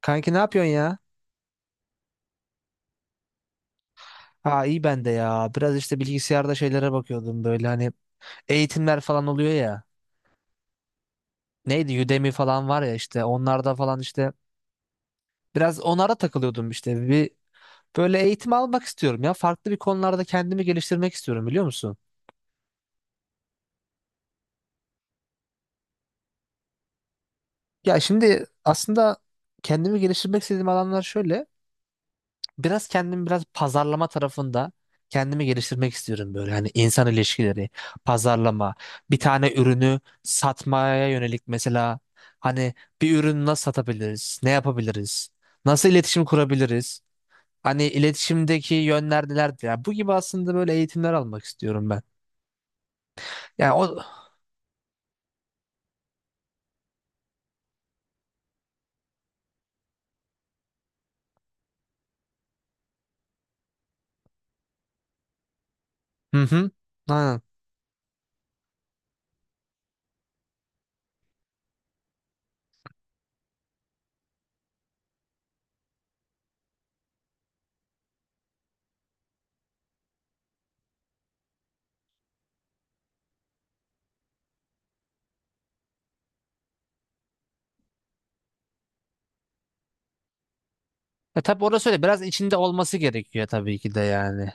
Kanki ne yapıyorsun ya? Ha iyi ben de ya. Biraz işte bilgisayarda şeylere bakıyordum böyle hani eğitimler falan oluyor ya. Neydi Udemy falan var ya işte onlarda falan işte biraz onlara takılıyordum işte. Bir böyle eğitim almak istiyorum ya. Farklı bir konularda kendimi geliştirmek istiyorum biliyor musun? Ya şimdi aslında kendimi geliştirmek istediğim alanlar şöyle. Biraz kendimi biraz pazarlama tarafında kendimi geliştirmek istiyorum böyle. Hani insan ilişkileri, pazarlama, bir tane ürünü satmaya yönelik mesela hani bir ürünü nasıl satabiliriz, ne yapabiliriz, nasıl iletişim kurabiliriz? Hani iletişimdeki yönler nelerdir? Yani bu gibi aslında böyle eğitimler almak istiyorum ben. Yani o... Hı hı. Aynen. E tabii orası öyle. Biraz içinde olması gerekiyor tabii ki de yani.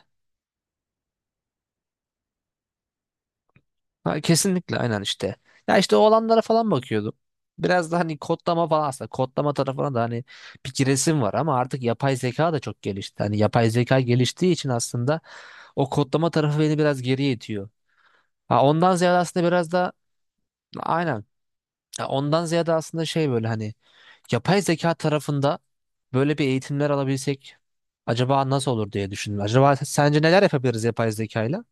Ha, kesinlikle aynen işte. Ya işte olanlara falan bakıyordum. Biraz da hani kodlama falan aslında kodlama tarafına da hani bir giresim var ama artık yapay zeka da çok gelişti. Hani yapay zeka geliştiği için aslında o kodlama tarafı beni biraz geriye itiyor. Ha, ondan ziyade aslında biraz da aynen. Ya ondan ziyade aslında şey böyle hani yapay zeka tarafında böyle bir eğitimler alabilsek acaba nasıl olur diye düşündüm. Acaba sence neler yapabiliriz yapay zekayla?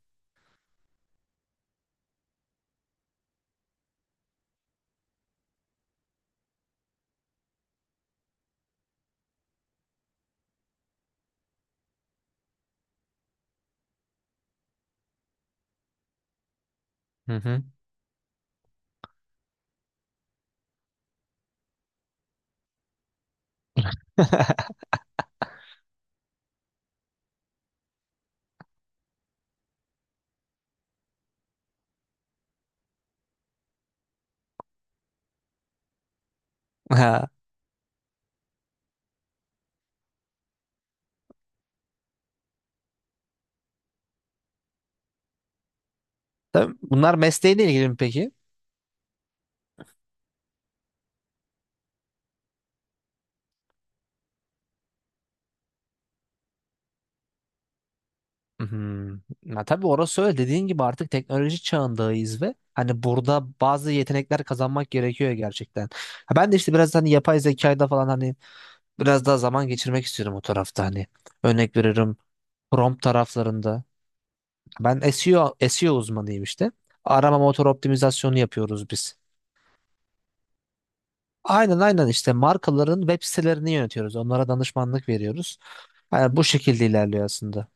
Hı hı. Ha. Tabii bunlar mesleğiyle ilgili mi peki? Hı. Ya tabii orası öyle. Dediğin gibi artık teknoloji çağındayız ve hani burada bazı yetenekler kazanmak gerekiyor gerçekten. Ha ben de işte biraz hani yapay zekayla falan hani biraz daha zaman geçirmek istiyorum o tarafta hani. Örnek veririm prompt taraflarında. Ben SEO, SEO uzmanıyım işte. Arama motor optimizasyonu yapıyoruz biz. Aynen aynen işte markaların web sitelerini yönetiyoruz. Onlara danışmanlık veriyoruz. Yani bu şekilde ilerliyor aslında.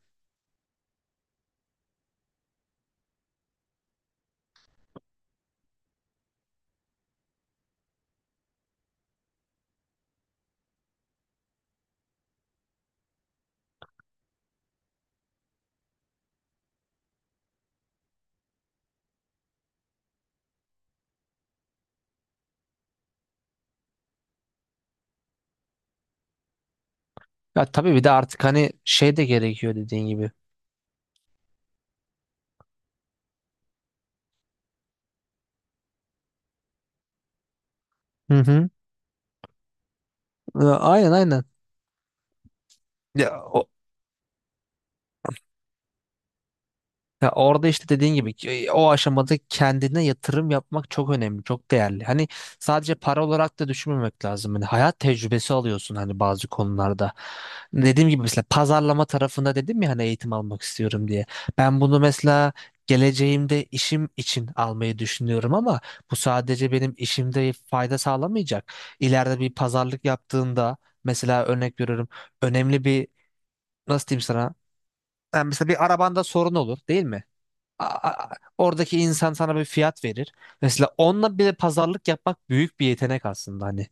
Ya tabii bir de artık hani şey de gerekiyor dediğin gibi. Hı hı. Ya, aynen aynen. Ya, ya orada işte dediğin gibi ki, o aşamada kendine yatırım yapmak çok önemli, çok değerli. Hani sadece para olarak da düşünmemek lazım. Hani hayat tecrübesi alıyorsun hani bazı konularda. Dediğim gibi mesela pazarlama tarafında dedim ya hani eğitim almak istiyorum diye. Ben bunu mesela geleceğimde işim için almayı düşünüyorum ama bu sadece benim işimde fayda sağlamayacak. İleride bir pazarlık yaptığında mesela örnek veriyorum önemli bir nasıl diyeyim sana? Yani mesela bir arabanda sorun olur değil mi? a- a- Oradaki insan sana bir fiyat verir. Mesela onunla bile pazarlık yapmak büyük bir yetenek aslında hani.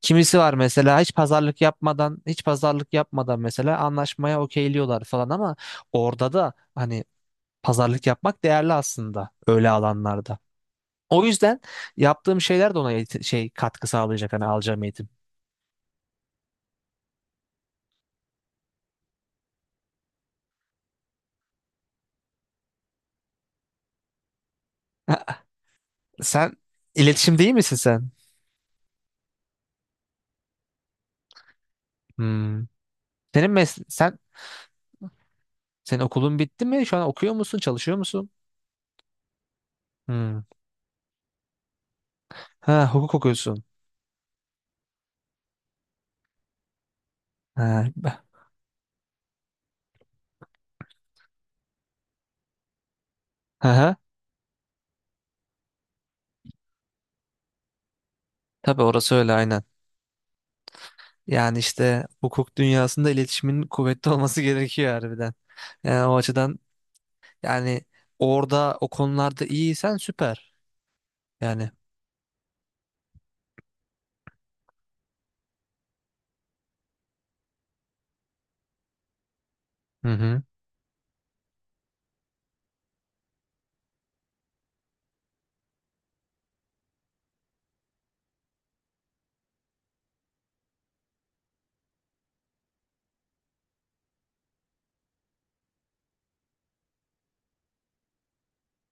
Kimisi var mesela hiç pazarlık yapmadan, hiç pazarlık yapmadan mesela anlaşmaya okeyliyorlar falan ama orada da hani pazarlık yapmak değerli aslında öyle alanlarda. O yüzden yaptığım şeyler de ona şey katkı sağlayacak hani alacağım eğitim. Sen iletişim değil misin sen? Hmm. Senin mes sen senin okulun bitti mi? Şu an okuyor musun, çalışıyor musun? Hmm. Ha, hukuk okuyorsun. Ha, hı. Tabii orası öyle aynen. Yani işte hukuk dünyasında iletişimin kuvvetli olması gerekiyor harbiden. Yani o açıdan yani orada o konularda iyiysen süper. Yani. Hı hı.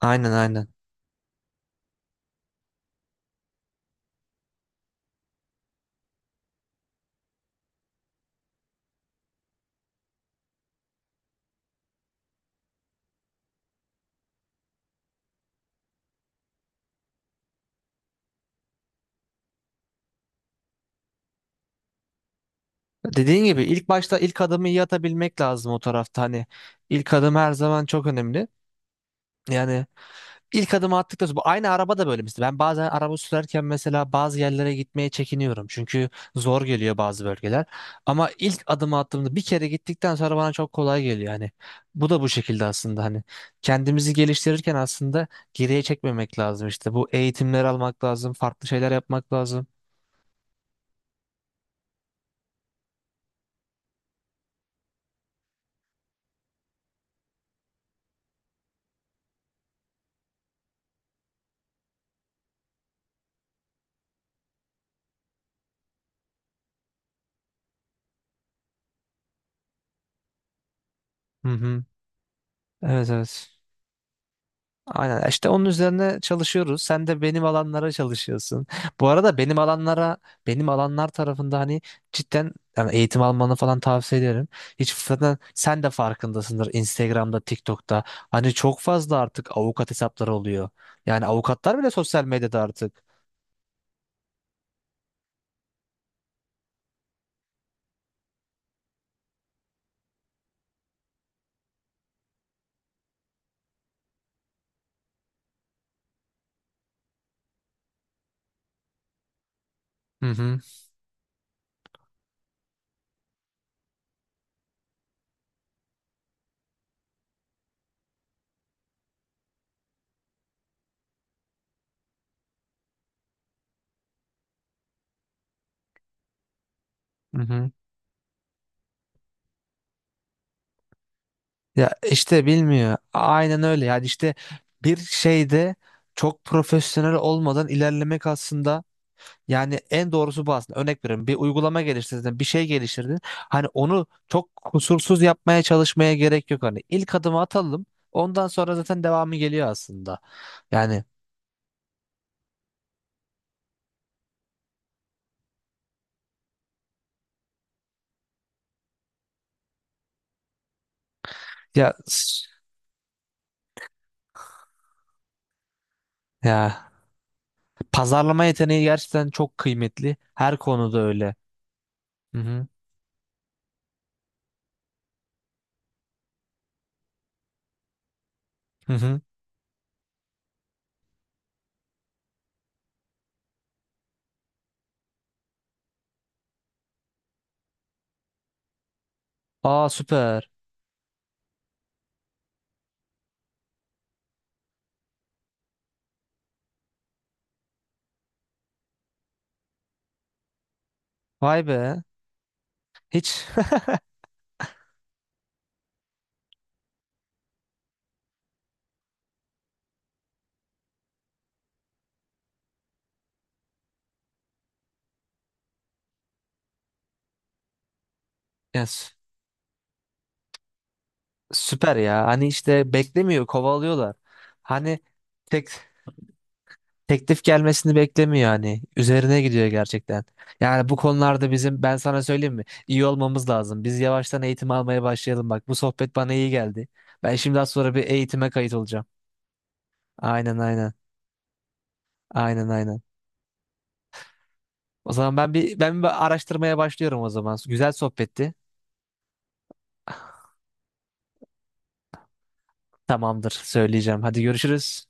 Aynen aynen. Dediğin gibi ilk başta ilk adımı iyi atabilmek lazım o tarafta. Hani ilk adım her zaman çok önemli. Yani İlk adımı attıktan sonra bu aynı araba da böyle mesela ben bazen araba sürerken mesela bazı yerlere gitmeye çekiniyorum çünkü zor geliyor bazı bölgeler ama ilk adımı attığımda bir kere gittikten sonra bana çok kolay geliyor hani bu da bu şekilde aslında hani kendimizi geliştirirken aslında geriye çekmemek lazım işte bu eğitimleri almak lazım farklı şeyler yapmak lazım. Hı hı. Evet evet. Aynen işte onun üzerine çalışıyoruz. Sen de benim alanlara çalışıyorsun. Bu arada benim alanlara benim alanlar tarafında hani cidden yani eğitim almanı falan tavsiye ederim. Hiç zaten sen de farkındasındır Instagram'da, TikTok'ta. Hani çok fazla artık avukat hesapları oluyor. Yani avukatlar bile sosyal medyada artık. Hı hı. Hı hı. Ya işte bilmiyor. Aynen öyle. Yani işte bir şeyde çok profesyonel olmadan ilerlemek aslında yani en doğrusu bu aslında. Örnek veriyorum bir uygulama geliştirdin, bir şey geliştirdin. Hani onu çok kusursuz yapmaya çalışmaya gerek yok. Hani ilk adımı atalım. Ondan sonra zaten devamı geliyor aslında. Yani ya s- ya pazarlama yeteneği gerçekten çok kıymetli. Her konuda öyle. Hı hı. Hı hı. Aa süper. Vay be. Hiç ya, sü- süper ya. Hani işte beklemiyor, kovalıyorlar. Hani tek teklif gelmesini beklemiyor hani. Üzerine gidiyor gerçekten. Yani bu konularda bizim ben sana söyleyeyim mi? İyi olmamız lazım. Biz yavaştan eğitim almaya başlayalım bak. Bu sohbet bana iyi geldi. Ben şimdi az sonra bir eğitime kayıt olacağım. Aynen aynen. Aynen aynen. O zaman ben bir araştırmaya başlıyorum o zaman. Güzel sohbetti. Tamamdır, söyleyeceğim. Hadi görüşürüz.